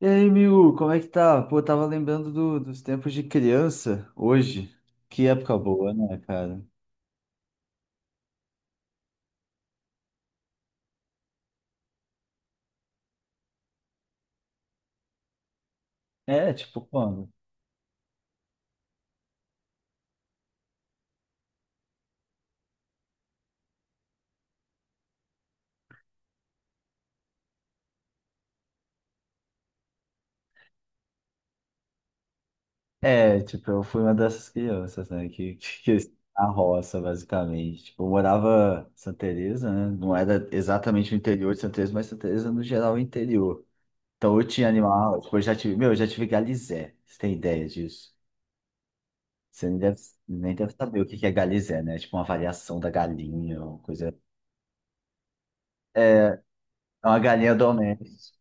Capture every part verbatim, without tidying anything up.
E aí, Miu, como é que tá? Pô, tava lembrando do- dos tempos de criança hoje. Que época boa, né, cara? É, tipo, quando? É, tipo, eu fui uma dessas crianças, né, que, que, que na roça, basicamente. Tipo, eu morava em Santa Teresa, né? Não era exatamente o interior de Santa Teresa, mas Santa Teresa, no geral, é interior. Então, eu tinha animal, tipo, eu já tive, meu, eu já tive galizé. Você tem ideia disso? Você nem deve, nem deve saber o que que é galizé, né? Tipo, uma variação da galinha, uma coisa. É uma galinha doméstica.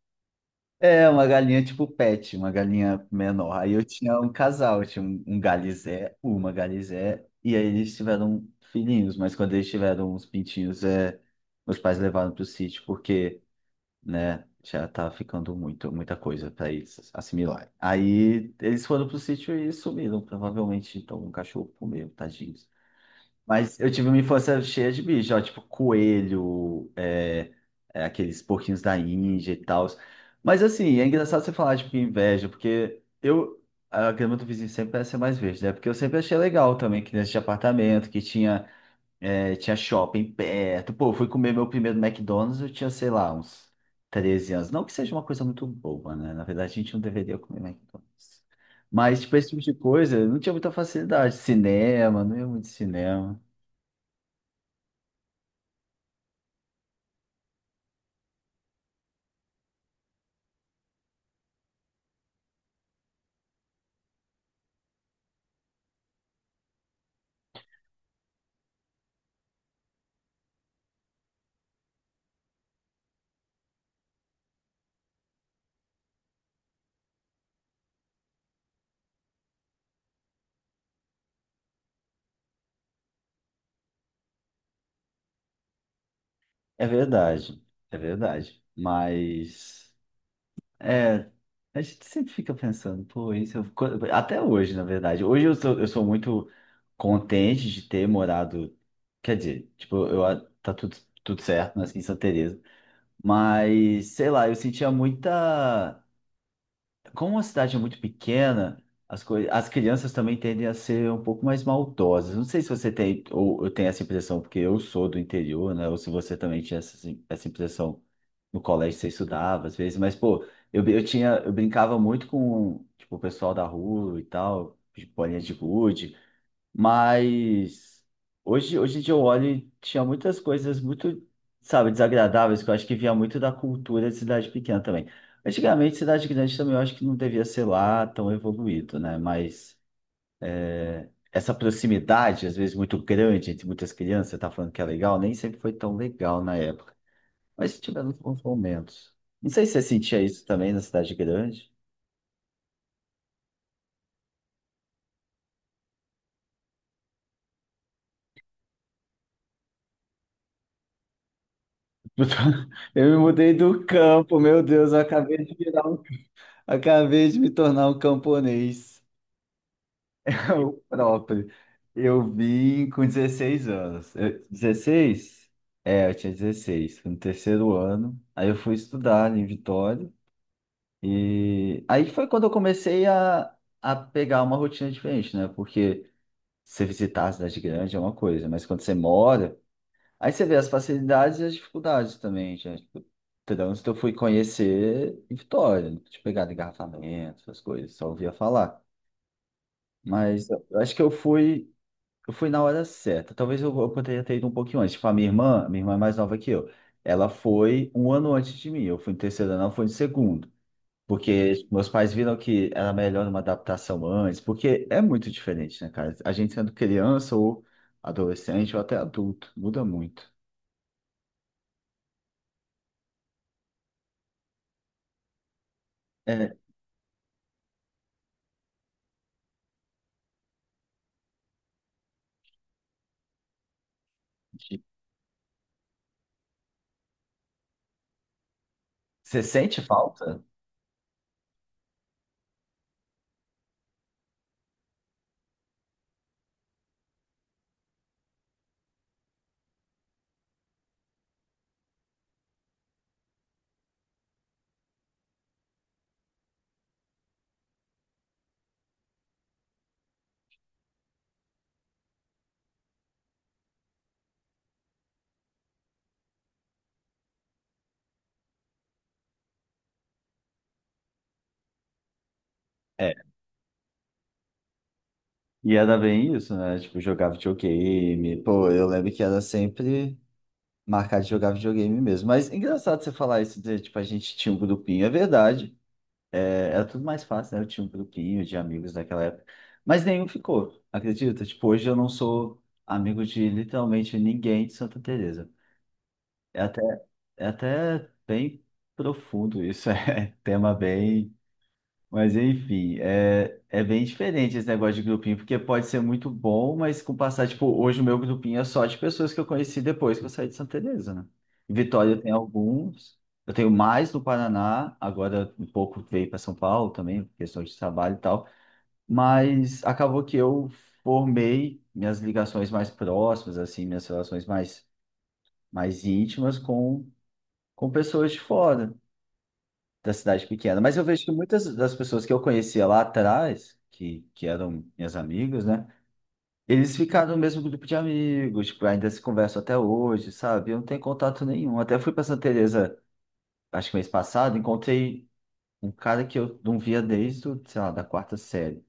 É, uma galinha tipo pet, uma galinha menor. Aí eu tinha um casal, eu tinha um, um galizé, uma galizé, e aí eles tiveram filhinhos, mas quando eles tiveram uns pintinhos, é, meus pais levaram pro sítio, porque, né, já tá ficando muito, muita coisa para eles assimilarem. Aí eles foram pro sítio e sumiram, provavelmente, então um cachorro comeu, tadinho. Mas eu tive uma infância cheia de bicho, ó, tipo coelho, é, é, aqueles porquinhos da Índia e tal. Mas assim, é engraçado você falar de inveja, porque eu, a grama do vizinho sempre parece ser mais verde, né? Porque eu sempre achei legal também, criança de apartamento, que tinha, é, tinha shopping perto. Pô, eu fui comer meu primeiro McDonald's, eu tinha, sei lá, uns treze anos. Não que seja uma coisa muito boba, né? Na verdade, a gente não deveria comer McDonald's. Mas, tipo, esse tipo de coisa, eu não tinha muita facilidade. Cinema, não ia muito cinema. É verdade, é verdade. Mas é, a gente sempre fica pensando, pô, isso eu, co- até hoje, na verdade. Hoje eu sou, eu sou muito contente de ter morado, quer dizer, tipo, eu a- tá tudo, tudo certo, nasci em Santa Teresa, mas sei lá, eu sentia muita, como a cidade é muito pequena, as coisas, as crianças também tendem a ser um pouco mais maldosas. Não sei se você tem ou eu tenho essa impressão, porque eu sou do interior, né? Ou se você também tinha essa, essa impressão no colégio você estudava às vezes, mas pô, eu, eu tinha, eu brincava muito com, tipo, o pessoal da rua e tal, de bolinha de gude, mas hoje, hoje em dia eu olho e tinha muitas coisas muito, sabe, desagradáveis que eu acho que vinha muito da cultura de cidade pequena também. Antigamente, cidade grande também eu acho que não devia ser lá tão evoluído, né? Mas essa proximidade, às vezes muito grande entre muitas crianças, você tá falando que é legal, nem sempre foi tão legal na época. Mas tivemos bons momentos. Não sei se você sentia isso também na cidade grande. Eu me mudei do campo, meu Deus, eu acabei de virar um, acabei de me tornar um camponês. O próprio. Eu vim com dezesseis anos. Eu- dezesseis? É, eu tinha dezesseis, no terceiro ano. Aí eu fui estudar em Vitória. E aí foi quando eu comecei a, a pegar uma rotina diferente, né? Porque você visitar a cidade grande é uma coisa, mas quando você mora. Aí você vê as facilidades e as dificuldades também, gente. Tipo, trânsito eu fui conhecer em Vitória, não tinha pegado engarrafamento, essas coisas, só ouvia falar. Mas eu acho que eu fui, eu fui na hora certa. Talvez eu, eu poderia ter ido um pouquinho antes. Tipo, a minha irmã, minha irmã é mais nova que eu. Ela foi um ano antes de mim. Eu fui em terceiro ano, ela foi em segundo. Porque tipo, meus pais viram que era melhor uma adaptação antes, porque é muito diferente, né, cara? A gente sendo criança ou adolescente ou até adulto, muda muito. É. Você sente falta? É. E era bem isso, né? Tipo, jogar videogame. Pô, eu lembro que era sempre marcar de jogar videogame mesmo. Mas engraçado você falar isso de, tipo, a gente tinha um grupinho. É verdade. É, era tudo mais fácil, né? Eu tinha um grupinho de amigos naquela época. Mas nenhum ficou, acredita? Tipo, hoje eu não sou amigo de literalmente ninguém de Santa Teresa. É até, é até bem profundo isso. É tema bem. Mas enfim, é, é bem diferente esse negócio de grupinho, porque pode ser muito bom, mas com o passar, tipo, hoje o meu grupinho é só de pessoas que eu conheci depois que eu saí de Santa Teresa, né? Em Vitória eu tenho alguns, eu tenho mais no Paraná, agora um pouco veio para São Paulo também, por questão de trabalho e tal, mas acabou que eu formei minhas ligações mais próximas, assim, minhas relações mais, mais íntimas com, com pessoas de fora da cidade pequena. Mas eu vejo que muitas das pessoas que eu conhecia lá atrás, que, que eram minhas amigas, né? Eles ficaram no mesmo grupo de amigos, tipo, ainda se conversam até hoje, sabe? Eu não tenho contato nenhum. Até fui pra Santa Teresa, acho que mês passado, encontrei um cara que eu não via desde, o, sei lá, da quarta série.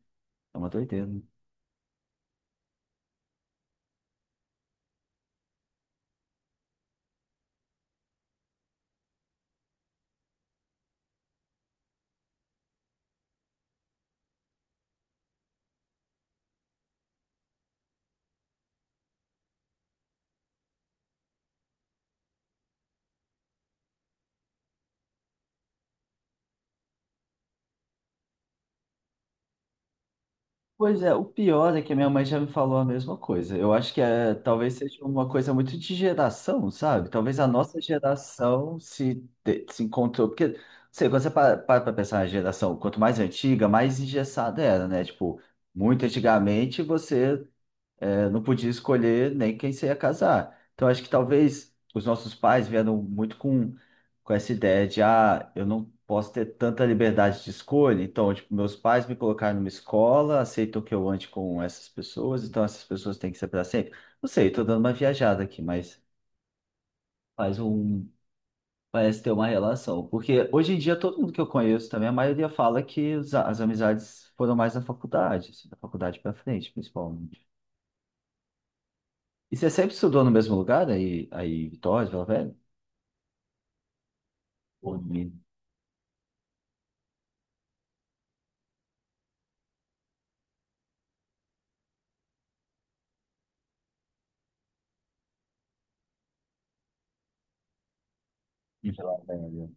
É uma doideira, né? Pois é, o pior é que a minha mãe já me falou a mesma coisa. Eu acho que é, talvez seja uma coisa muito de geração, sabe? Talvez a nossa geração se, te- se encontrou. Porque, não sei, quando você para para pra pensar na geração, quanto mais antiga, mais engessada era, né? Tipo, muito antigamente você eh, não podia escolher nem quem se ia casar. Então, acho que talvez os nossos pais vieram muito com, com essa ideia de, ah, eu não posso ter tanta liberdade de escolha. Então, tipo, meus pais me colocaram numa escola, aceitam que eu ande com essas pessoas, então essas pessoas têm que ser para sempre. Não sei, estou dando uma viajada aqui, mas faz um. Parece ter uma relação, porque hoje em dia todo mundo que eu conheço também, a maioria fala que os- as amizades foram mais na faculdade, assim, da faculdade para frente, principalmente. E você sempre estudou no mesmo lugar, aí, aí em Vitória, Vila Velha? Ou em em Vila Velha?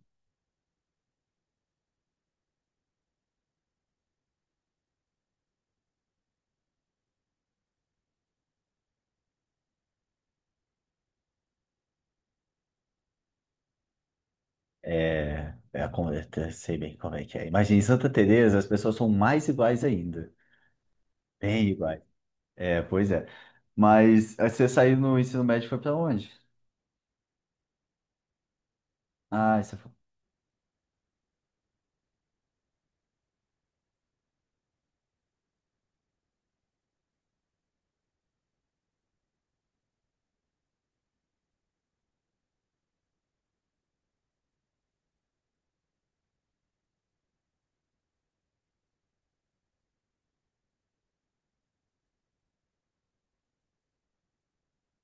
É, é a con- eu te- sei bem como é que é. Imagina, em Santa Teresa as pessoas são mais iguais ainda. Bem iguais. É, pois é. Mas aí você saiu no ensino médio e foi pra onde? Ah, você foi.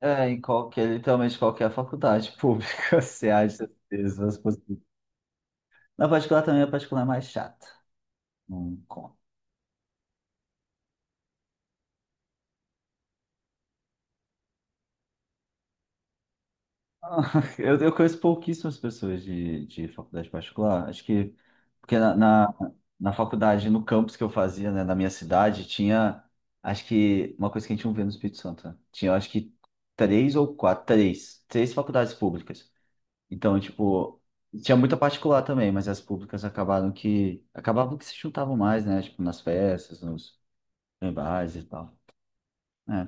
É, em qualquer, literalmente qualquer faculdade pública, você acha as mesmas possibilidades. Na particular também, a particular é mais chata. Não conta. Ah, Eu, eu conheço pouquíssimas pessoas de, de faculdade particular. Acho que porque na, na, na faculdade, no campus que eu fazia, né, na minha cidade, tinha acho que uma coisa que a gente não vê no Espírito Santo, né? Tinha acho que três ou quatro, três, três faculdades públicas. Então, tipo, tinha muita particular também, mas as públicas acabaram que acabavam que se juntavam mais, né? Tipo, nas festas, nos em bares e tal. É.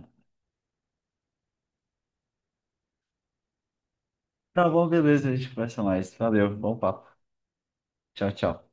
Tá bom, beleza, a gente conversa mais. Valeu, bom papo. Tchau, tchau.